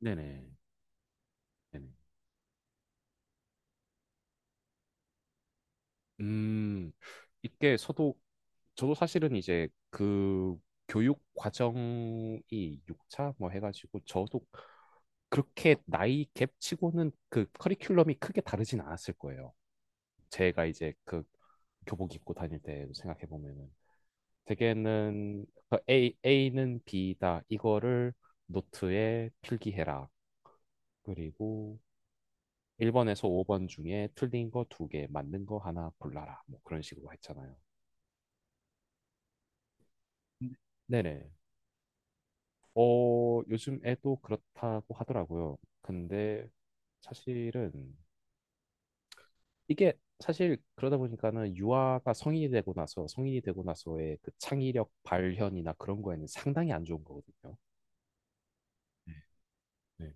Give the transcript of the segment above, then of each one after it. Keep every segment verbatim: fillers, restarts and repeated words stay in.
네네. 네네. 음, 이게 저도, 저도 사실은 이제 그 교육 과정이 육 차 뭐 해가지고 저도 그렇게 나이 갭 치고는 그 커리큘럼이 크게 다르진 않았을 거예요. 제가 이제 그 교복 입고 다닐 때 생각해 보면은 대개는 그 A, A는 B다. 이거를 노트에 필기해라. 그리고 일 번에서 오 번 중에 틀린 거 두 개, 맞는 거 하나 골라라. 뭐 그런 식으로 했잖아요. 네. 네네. 어, 요즘 애도 그렇다고 하더라고요. 근데 사실은 이게 사실 그러다 보니까는 유아가 성인이 되고 나서 성인이 되고 나서의 그 창의력 발현이나 그런 거에는 상당히 안 좋은 거거든요. 네. 네.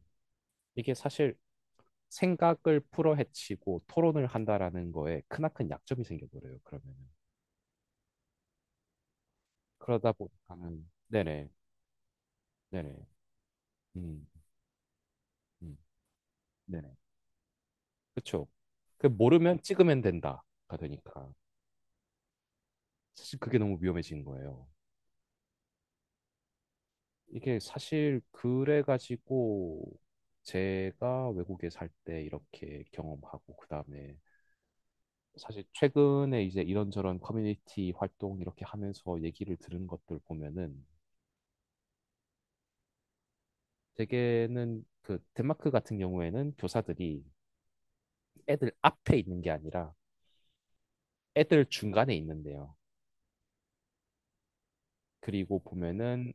이게 사실 생각을 풀어헤치고 토론을 한다라는 거에 크나큰 약점이 생겨버려요. 그러면은 그러다 보니까는 네네 네네 음. 음. 네네. 그쵸? 그 모르면 찍으면 된다가 되니까 사실 그게 너무 위험해진 거예요. 이게 사실 그래가지고 제가 외국에 살 때 이렇게 경험하고 그다음에 사실 최근에 이제 이런저런 커뮤니티 활동 이렇게 하면서 얘기를 들은 것들 보면은 대개는 그 덴마크 같은 경우에는 교사들이 애들 앞에 있는 게 아니라 애들 중간에 있는데요. 그리고 보면은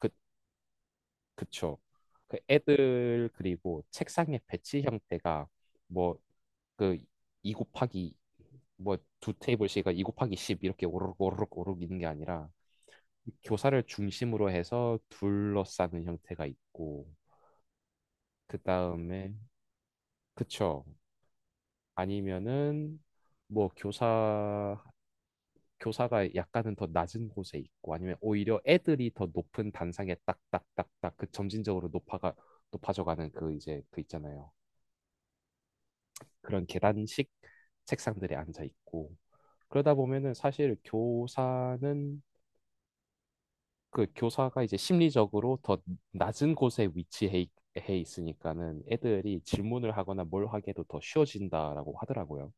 그 그쵸. 그 애들 그리고 책상의 배치 형태가 뭐 그 이 곱하기 뭐 두 테이블씩이2 곱하기 십 이렇게 오르륵 오르륵 오르륵 있는 게 아니라 교사를 중심으로 해서 둘러싸는 형태가 있고 그 다음에 그쵸. 아니면은 뭐 교사 교사가 약간은 더 낮은 곳에 있고 아니면 오히려 애들이 더 높은 단상에 딱딱딱딱 그 점진적으로 높아가 높아져가는 그 이제 그 있잖아요. 그런 계단식 책상들에 앉아 있고 그러다 보면은 사실 교사는 그 교사가 이제 심리적으로 더 낮은 곳에 위치해 있- 해 있으니까는 애들이 질문을 하거나 뭘 하게도 더 쉬워진다라고 하더라고요.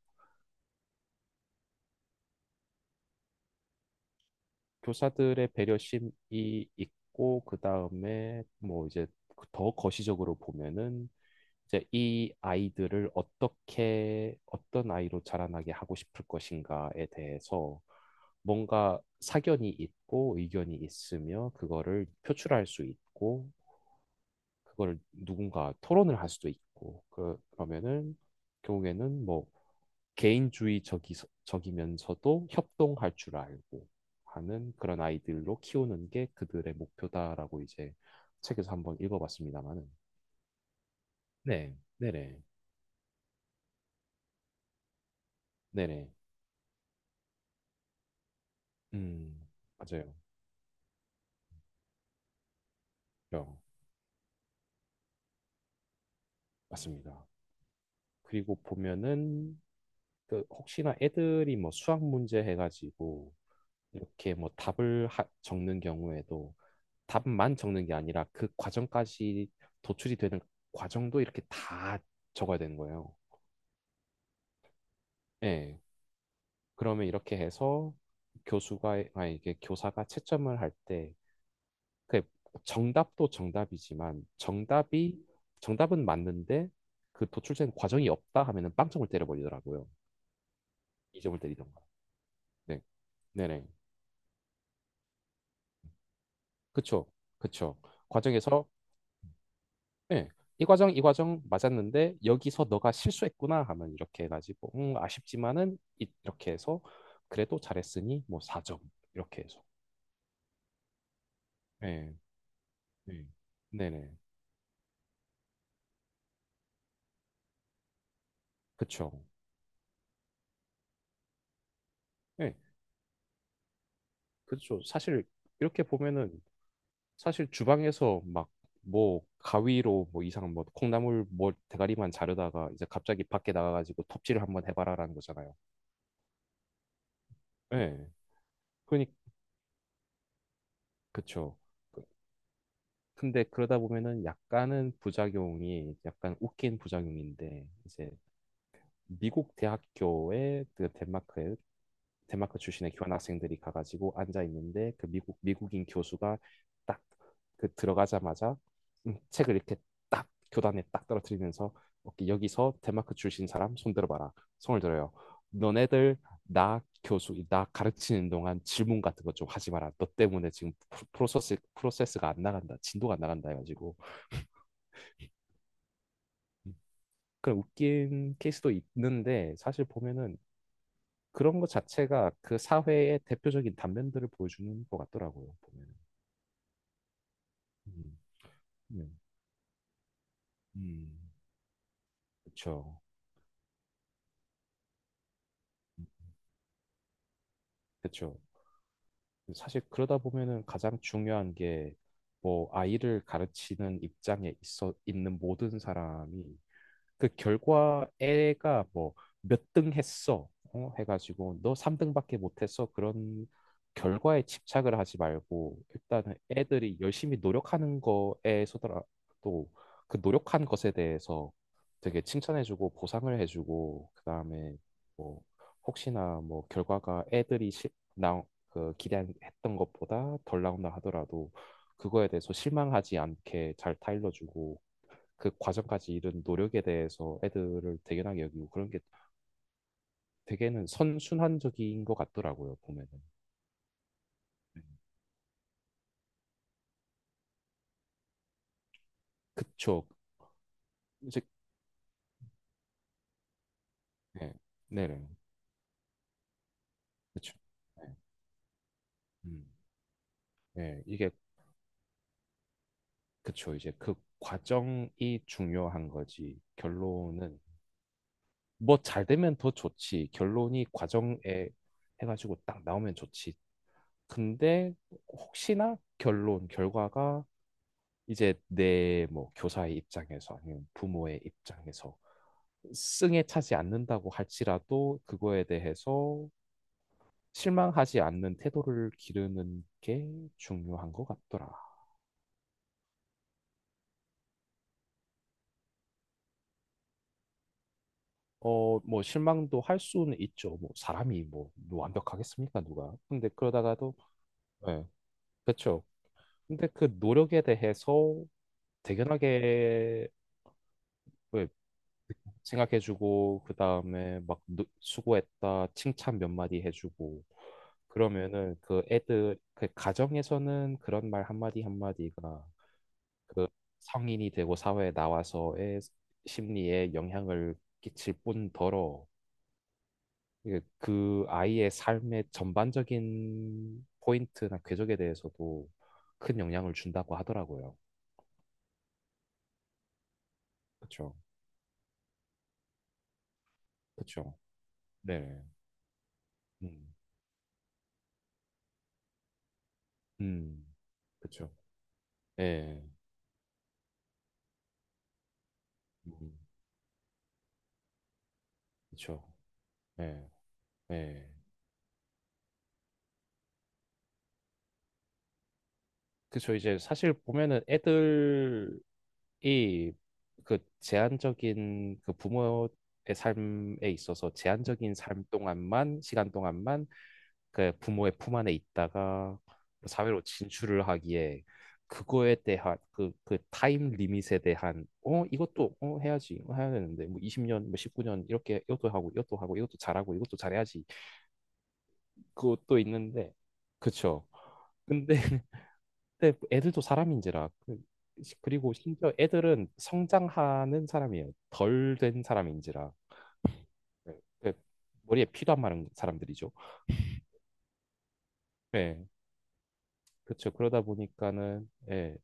교사들의 배려심이 있고 그 다음에 뭐 이제 더 거시적으로 보면은 이제 이 아이들을 어떻게 어떤 아이로 자라나게 하고 싶을 것인가에 대해서 뭔가 사견이 있고 의견이 있으며 그거를 표출할 수 있고 그걸 누군가 토론을 할 수도 있고 그, 그러면은 결국에는 뭐 개인주의적이면서도 협동할 줄 알고 하는 그런 아이들로 키우는 게 그들의 목표다라고 이제 책에서 한번 읽어봤습니다만은 네, 네네, 네네. 음, 맞아요. 어, 맞습니다. 그리고 보면은 그 혹시나 애들이 뭐 수학 문제 해가지고 이렇게 뭐 답을 하- 적는 경우에도 답만 적는 게 아니라 그 과정까지 도출이 되는 과정도 이렇게 다 적어야 되는 거예요. 예. 그러면 이렇게 해서 교수가, 아, 이게 교사가 채점을 할때 그 정답도 정답이지만 정답이 정답은 맞는데 그 도출된 과정이 없다 하면은 빵점을 때려버리더라고요. 이점을 때리던가. 네, 네네. 그쵸, 그쵸. 과정에서 네, 이 과정 이 과정 맞았는데 여기서 너가 실수했구나 하면 이렇게 해가지고 음, 아쉽지만은 이- 이렇게 해서 그래도 잘했으니 뭐 사 점 이렇게 해서. 네, 네, 네네. 그쵸. 네, 그쵸. 사실 이렇게 보면은 사실 주방에서 막 뭐 가위로 뭐 이상 뭐 콩나물 뭐 대가리만 자르다가 이제 갑자기 밖에 나가가지고 톱질을 한번 해봐라라는 거잖아요. 예. 그러니 그쵸. 그- 근데 그러다 보면은 약간은 부작용이 약간 웃긴 부작용인데 이제 미국 대학교에 그 덴마크에 덴마크 출신의 교환학생들이 가가지고 앉아 있는데 그 미국 미국인 교수가 딱 그 들어가자마자 음, 책을 이렇게 딱 교단에 딱 떨어뜨리면서 오케이, 여기서 덴마크 출신 사람 손 들어봐라 손을 들어요 너네들 나 교수 나 가르치는 동안 질문 같은 거 좀 하지 마라 너 때문에 지금 프로- 프로세스 프로세스가 안 나간다 진도가 안 나간다 해가지고 음, 그런 웃긴 케이스도 있는데 사실 보면은 그런 것 자체가 그 사회의 대표적인 단면들을 보여주는 것 같더라고요, 보면은. 음, 음, 음, 그쵸. 음, 그쵸. 사실 그러다 보면은 가장 중요한 게 뭐 아이를 가르치는 입장에 있어 있는 모든 사람이 그 결과 애가 뭐 몇 등 했어 어? 해가지고 너 삼 등밖에 못했어 그런 결과에 집착을 하지 말고 일단은 애들이 열심히 노력하는 거에서더라도 그 노력한 것에 대해서 되게 칭찬해주고 보상을 해주고 그다음에 뭐 혹시나 뭐 결과가 애들이 시, 나, 그 기대했던 것보다 덜 나온다 하더라도 그거에 대해서 실망하지 않게 잘 타일러주고 그 과정까지 이른 노력에 대해서 애들을 대견하게 여기고 그런 게 되게는 선순환적인 것 같더라고요, 보면은. 네. 그쵸. 이제, 네. 네네. 그쵸. 네. 음. 네. 이게, 그쵸. 이제 그 과정이 중요한 거지. 결론은, 뭐 잘 되면 더 좋지. 결론이 과정에 해가지고 딱 나오면 좋지. 근데 혹시나 결론, 결과가 이제 내 뭐 교사의 입장에서 아니면 부모의 입장에서 승에 차지 않는다고 할지라도 그거에 대해서 실망하지 않는 태도를 기르는 게 중요한 것 같더라. 어, 뭐 실망도 할 수는 있죠. 뭐 사람이 뭐, 뭐 완벽하겠습니까, 누가? 근데 그러다가도 예, 그렇죠. 근데 그 노력에 대해서 대견하게 예, 생각해주고 그 다음에 막 노- 수고했다 칭찬 몇 마디 해주고 그러면은 그 애들 그 가정에서는 그런 말 한마디 한마디가 그 성인이 되고 사회에 나와서의 심리에 영향을 끼칠 뿐더러 이게 그 아이의 삶의 전반적인 포인트나 궤적에 대해서도 큰 영향을 준다고 하더라고요. 그렇죠, 그렇죠. 네, 음, 음, 그렇죠. 예. 음. 그쵸. 예, 예. 그쵸. 이제 사실 보면은 애들이 그 제한적인 그 부모의 삶에 있어서 제한적인 삶 동안만, 시간 동안만 그 부모의 품 안에 있다가 사회로 진출을 하기에 그거에 대한 그, 그 타임 리밋에 대한 어 이것도 어 해야지 어, 해야 되는데 뭐 이십 년 뭐 십구 년 이렇게 이것도 하고 이것도 하고 이것도 잘하고 이것도 잘해야지 그것도 있는데 그쵸 근데 근데 애들도 사람인지라 그- 그리고 심지어 애들은 성장하는 사람이에요. 덜 된 사람인지라 네, 그 머리에 피도 안 마른 사람들이죠. 네, 그렇죠. 그러다 보니까는 예,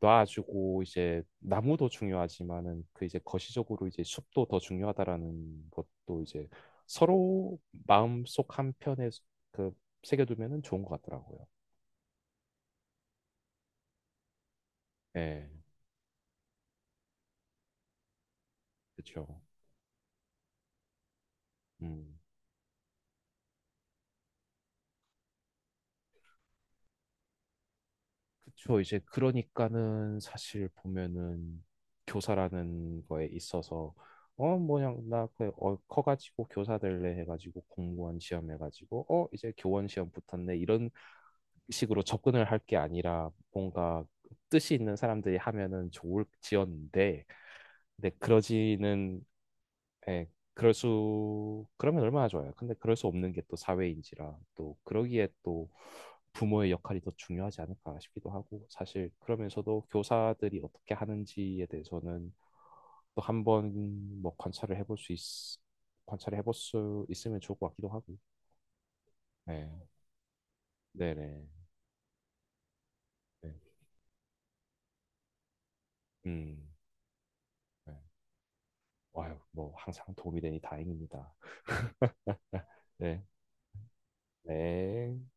놔주고 이제 나무도 중요하지만은 그 이제 거시적으로 이제 숲도 더 중요하다라는 것도 이제 서로 마음속 한편에 그 새겨두면은 좋은 것 같더라고요. 예, 그렇죠. 음. 그쵸. 이제 그러니까는 사실 보면은 교사라는 거에 있어서 어 뭐냐 나그어 커가지고 교사 될래 해가지고 공무원 시험 해가지고 어 이제 교원 시험 붙었네 이런 식으로 접근을 할 게 아니라 뭔가 뜻이 있는 사람들이 하면은 좋을지언데 근데 그러지는 예, 그럴 수, 그러면 얼마나 좋아요. 근데 그럴 수 없는 게 또 사회인지라 또 그러기에 또 부모의 역할이 더 중요하지 않을까 싶기도 하고 사실 그러면서도 교사들이 어떻게 하는지에 대해서는 또 한번 뭐 관찰을 해볼 수 있, 관찰을 해볼 수 있으면 좋을 것 같기도 하고. 네, 네네. 네. 음, 네. 아유, 뭐 항상 도움이 되니 다행입니다. 네, 네.